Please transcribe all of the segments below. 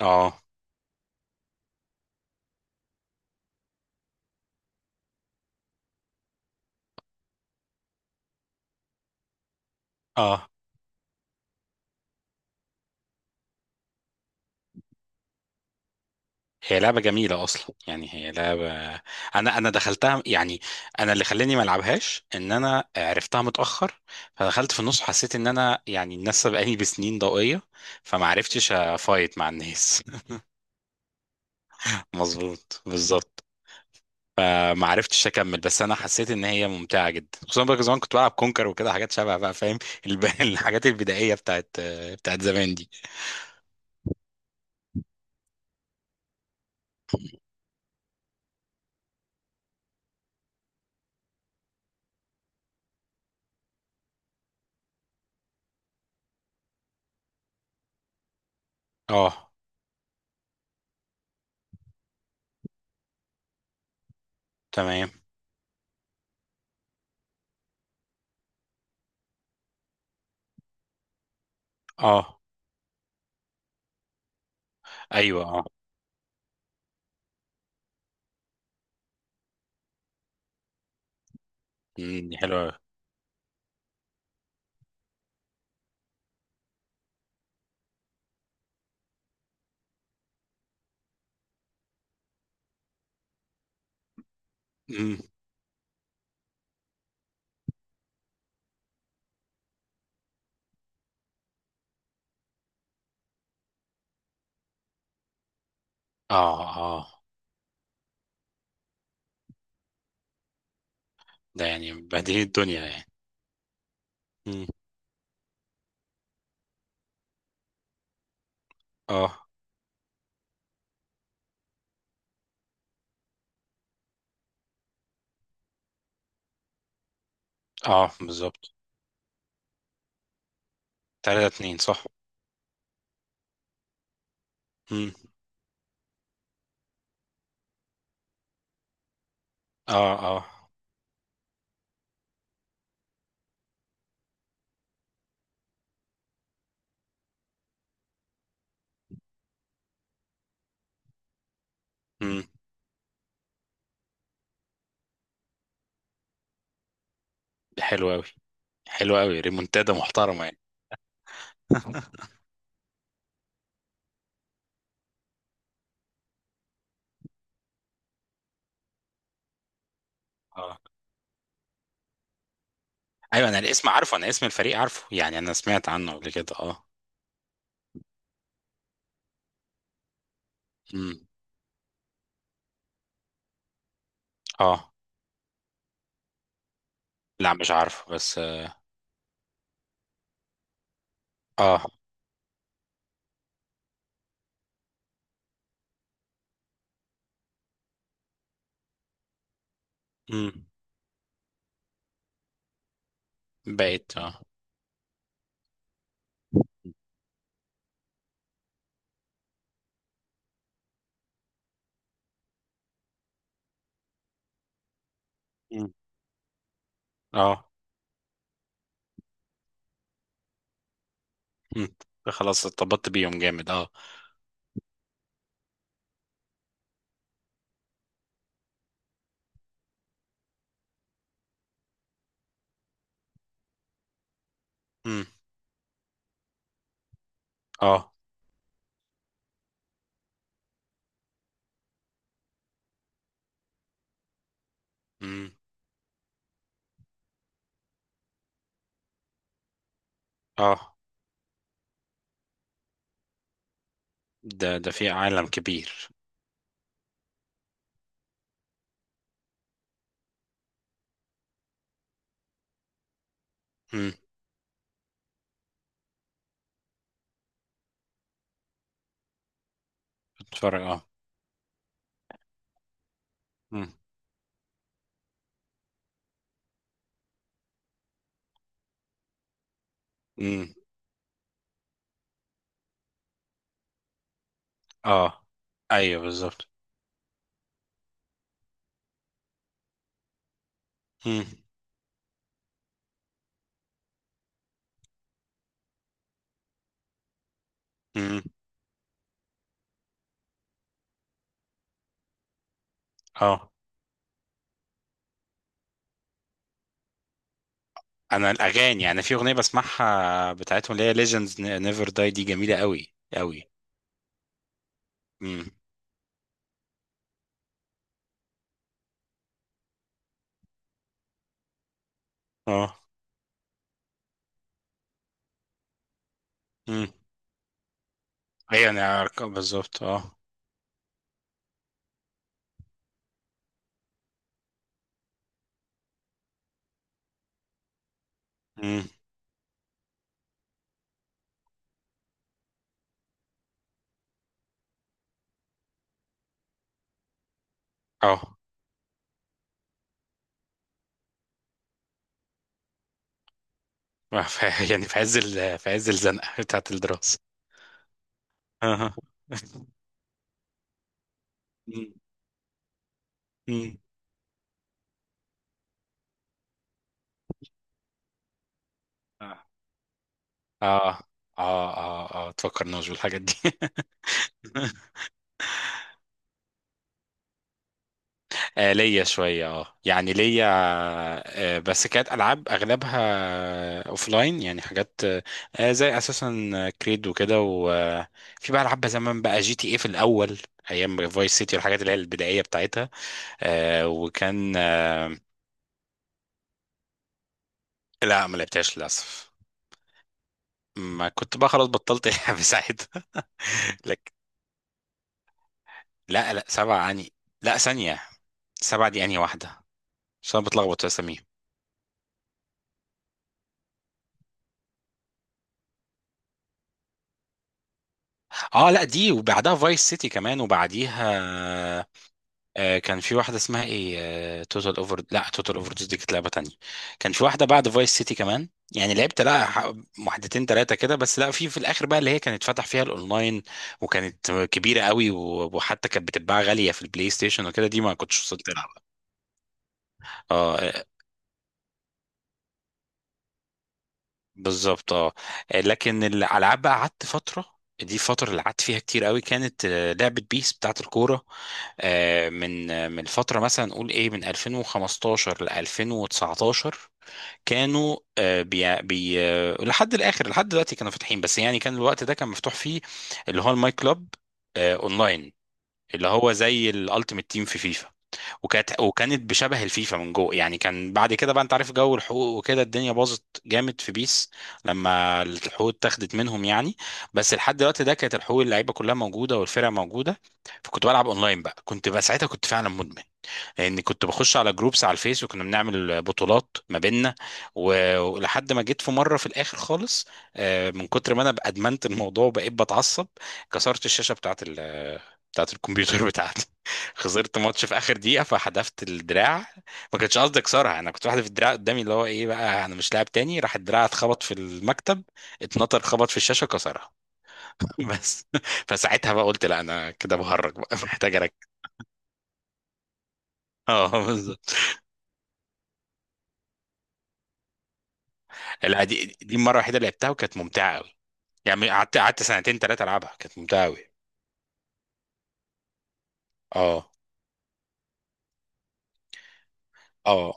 اه، اه، هي لعبة جميلة أصلا، يعني هي لعبة، أنا دخلتها. يعني أنا اللي خلاني ما ألعبهاش إن أنا عرفتها متأخر، فدخلت في النص، حسيت إن أنا يعني الناس سبقاني بسنين ضوئية، فما عرفتش أفايت مع الناس. مظبوط، بالظبط. فما عرفتش أكمل، بس أنا حسيت إن هي ممتعة جدا، خصوصا بقى زمان كنت بلعب كونكر وكده، حاجات شبه، بقى فاهم، الحاجات البدائية بتاعت زمان دي. اه. تمام. اه، أيوه. اه. دي حلوة أوي. إمم. اه، اه، ده يعني بديهي الدنيا، يعني. مم. اه، اه، بالظبط، تلاتة اتنين، صح. مم. اه، اه. مم. ده حلو اوي، حلو اوي، ريمونتادا محترمة يعني. اه، ايوه، انا الاسم عارفه، انا اسم الفريق عارفه، يعني انا سمعت عنه قبل كده، اه. مم. اه. لا مش عارفه بس. اه. مم. بقيت، اه. مم. اه. مم. خلاص ارتبطت بيهم جامد، اه. مم. اه. مم. اه. ده في عالم كبير. مم. بتفرج، اه. مم. مم. اه، ايوه، بالظبط. مم. مم. اه، انا الاغاني يعني، في اغنيه بسمعها بتاعتهم، اللي هي ليجندز نيفر داي، دي جميله قوي قوي. مم. اه. مم. ايوه، بالظبط، اه. مم. اه. يعني في عز الزنقه بتاعت الدراسه، اه. مم. مم. اه، اه، اه، اه، تفكرناش بالحاجات دي. ليا شوية، اه يعني ليا. بس كانت ألعاب أغلبها أوفلاين، يعني حاجات زي أساسا كريد وكده، وفي بقى ألعاب زمان، بقى جي تي ايه في الأول. أيام فايس سيتي والحاجات اللي هي البدائية بتاعتها. آه وكان آه لا ما لعبتهاش للأسف. ما كنت بقى، خلاص بطلت ألعب ساعتها. لك. لا، لا، سبعة يعني. لا، ثانية. سبعة دي أنهي واحدة؟ عشان أنا بتلخبط في أساميهم. اه، لا دي وبعدها فايس سيتي كمان وبعديها. كان في واحدة اسمها ايه توتال اوفر. لا، توتال اوفر دي كانت لعبة تانية. كان في واحدة بعد فايس سيتي كمان، يعني لعبت، لا واحدتين تلاتة كده بس. لا في الاخر بقى، اللي هي كانت فتح فيها الاونلاين، وكانت كبيرة قوي، وحتى كانت بتتباع غالية في البلاي ستيشن وكده، دي ما كنتش وصلت لها. اه. بالظبط، اه. لكن الالعاب بقى قعدت فترة. دي الفترة اللي قعدت فيها كتير قوي، كانت لعبة بيس بتاعت الكورة. من فترة مثلا، نقول ايه، من 2015 ل 2019، كانوا بي بي لحد الاخر، لحد دلوقتي كانوا فاتحين، بس يعني كان الوقت ده كان مفتوح فيه اللي هو الماي كلوب، اونلاين، اللي هو زي الالتيميت تيم في فيفا. وكانت بشبه الفيفا من جوه، يعني كان بعد كده بقى انت عارف جو الحقوق وكده، الدنيا باظت جامد في بيس لما الحقوق اتاخدت منهم يعني. بس لحد الوقت ده كانت الحقوق، اللعيبه كلها موجوده والفرق موجوده. فكنت بلعب اونلاين بقى، كنت بقى ساعتها كنت فعلا مدمن، لاني كنت بخش على جروبس على الفيس، وكنا بنعمل بطولات ما بيننا. ولحد ما جيت في مره في الاخر خالص، من كتر ما انا بقى ادمنت الموضوع وبقيت بتعصب، كسرت الشاشه بتاعت الكمبيوتر بتاعتي. خسرت ماتش في اخر دقيقه، فحدفت الدراع. ما كانش قصدي اكسرها، انا كنت واحد في الدراع قدامي، اللي هو ايه بقى، انا مش لاعب تاني، راح الدراع اتخبط في المكتب، اتنطر، خبط في الشاشه، كسرها. بس فساعتها بقى قلت لا، انا كده بهرج بقى. محتاج اركز. اه، لا دي المره الوحيده اللي لعبتها، وكانت ممتعه قوي، يعني قعدت سنتين ثلاثه العبها، كانت ممتعه قوي. اه، اه،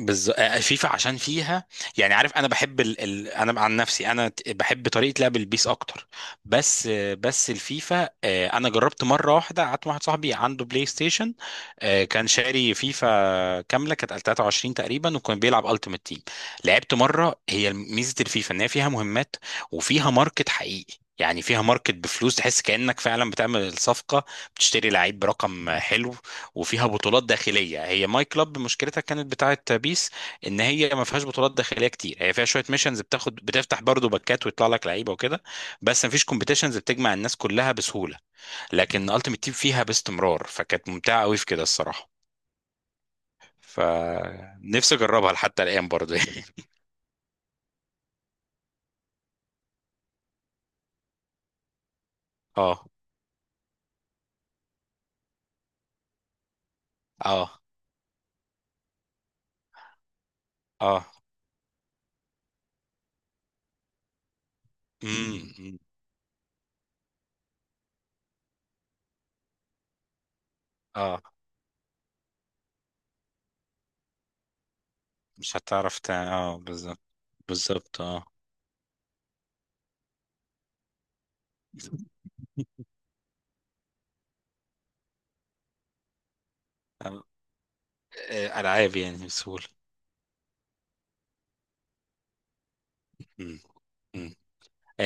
بالظبط، فيفا عشان فيها، يعني عارف انا بحب انا عن نفسي انا بحب طريقه لعب البيس اكتر. بس بس الفيفا، انا جربت مره واحده، قعدت مع واحد صاحبي عنده بلاي ستيشن. كان شاري فيفا كامله، كانت 23 تقريبا، وكان بيلعب التيمت تيم. لعبت مره، هي ميزه الفيفا ان هي فيها مهمات، وفيها ماركت حقيقي، يعني فيها ماركت بفلوس، تحس كأنك فعلا بتعمل الصفقة، بتشتري لعيب برقم حلو، وفيها بطولات داخليه. هي ماي كلاب مشكلتها كانت بتاعه بيس ان هي ما فيهاش بطولات داخليه كتير، هي فيها شويه ميشنز بتاخد، بتفتح برضو باكات ويطلع لك لعيبه وكده، بس ما فيش كومبيتيشنز بتجمع الناس كلها بسهوله. لكن التيمت تيم فيها باستمرار، فكانت ممتعه قوي في كده الصراحه، فنفسي اجربها لحتى الان برضو يعني. اه، اه، اه، امم، اه، مش هتعرف تاني، اه بالظبط. بالظبط، اه. أم- العاب يعني بسهوله. مم. مم.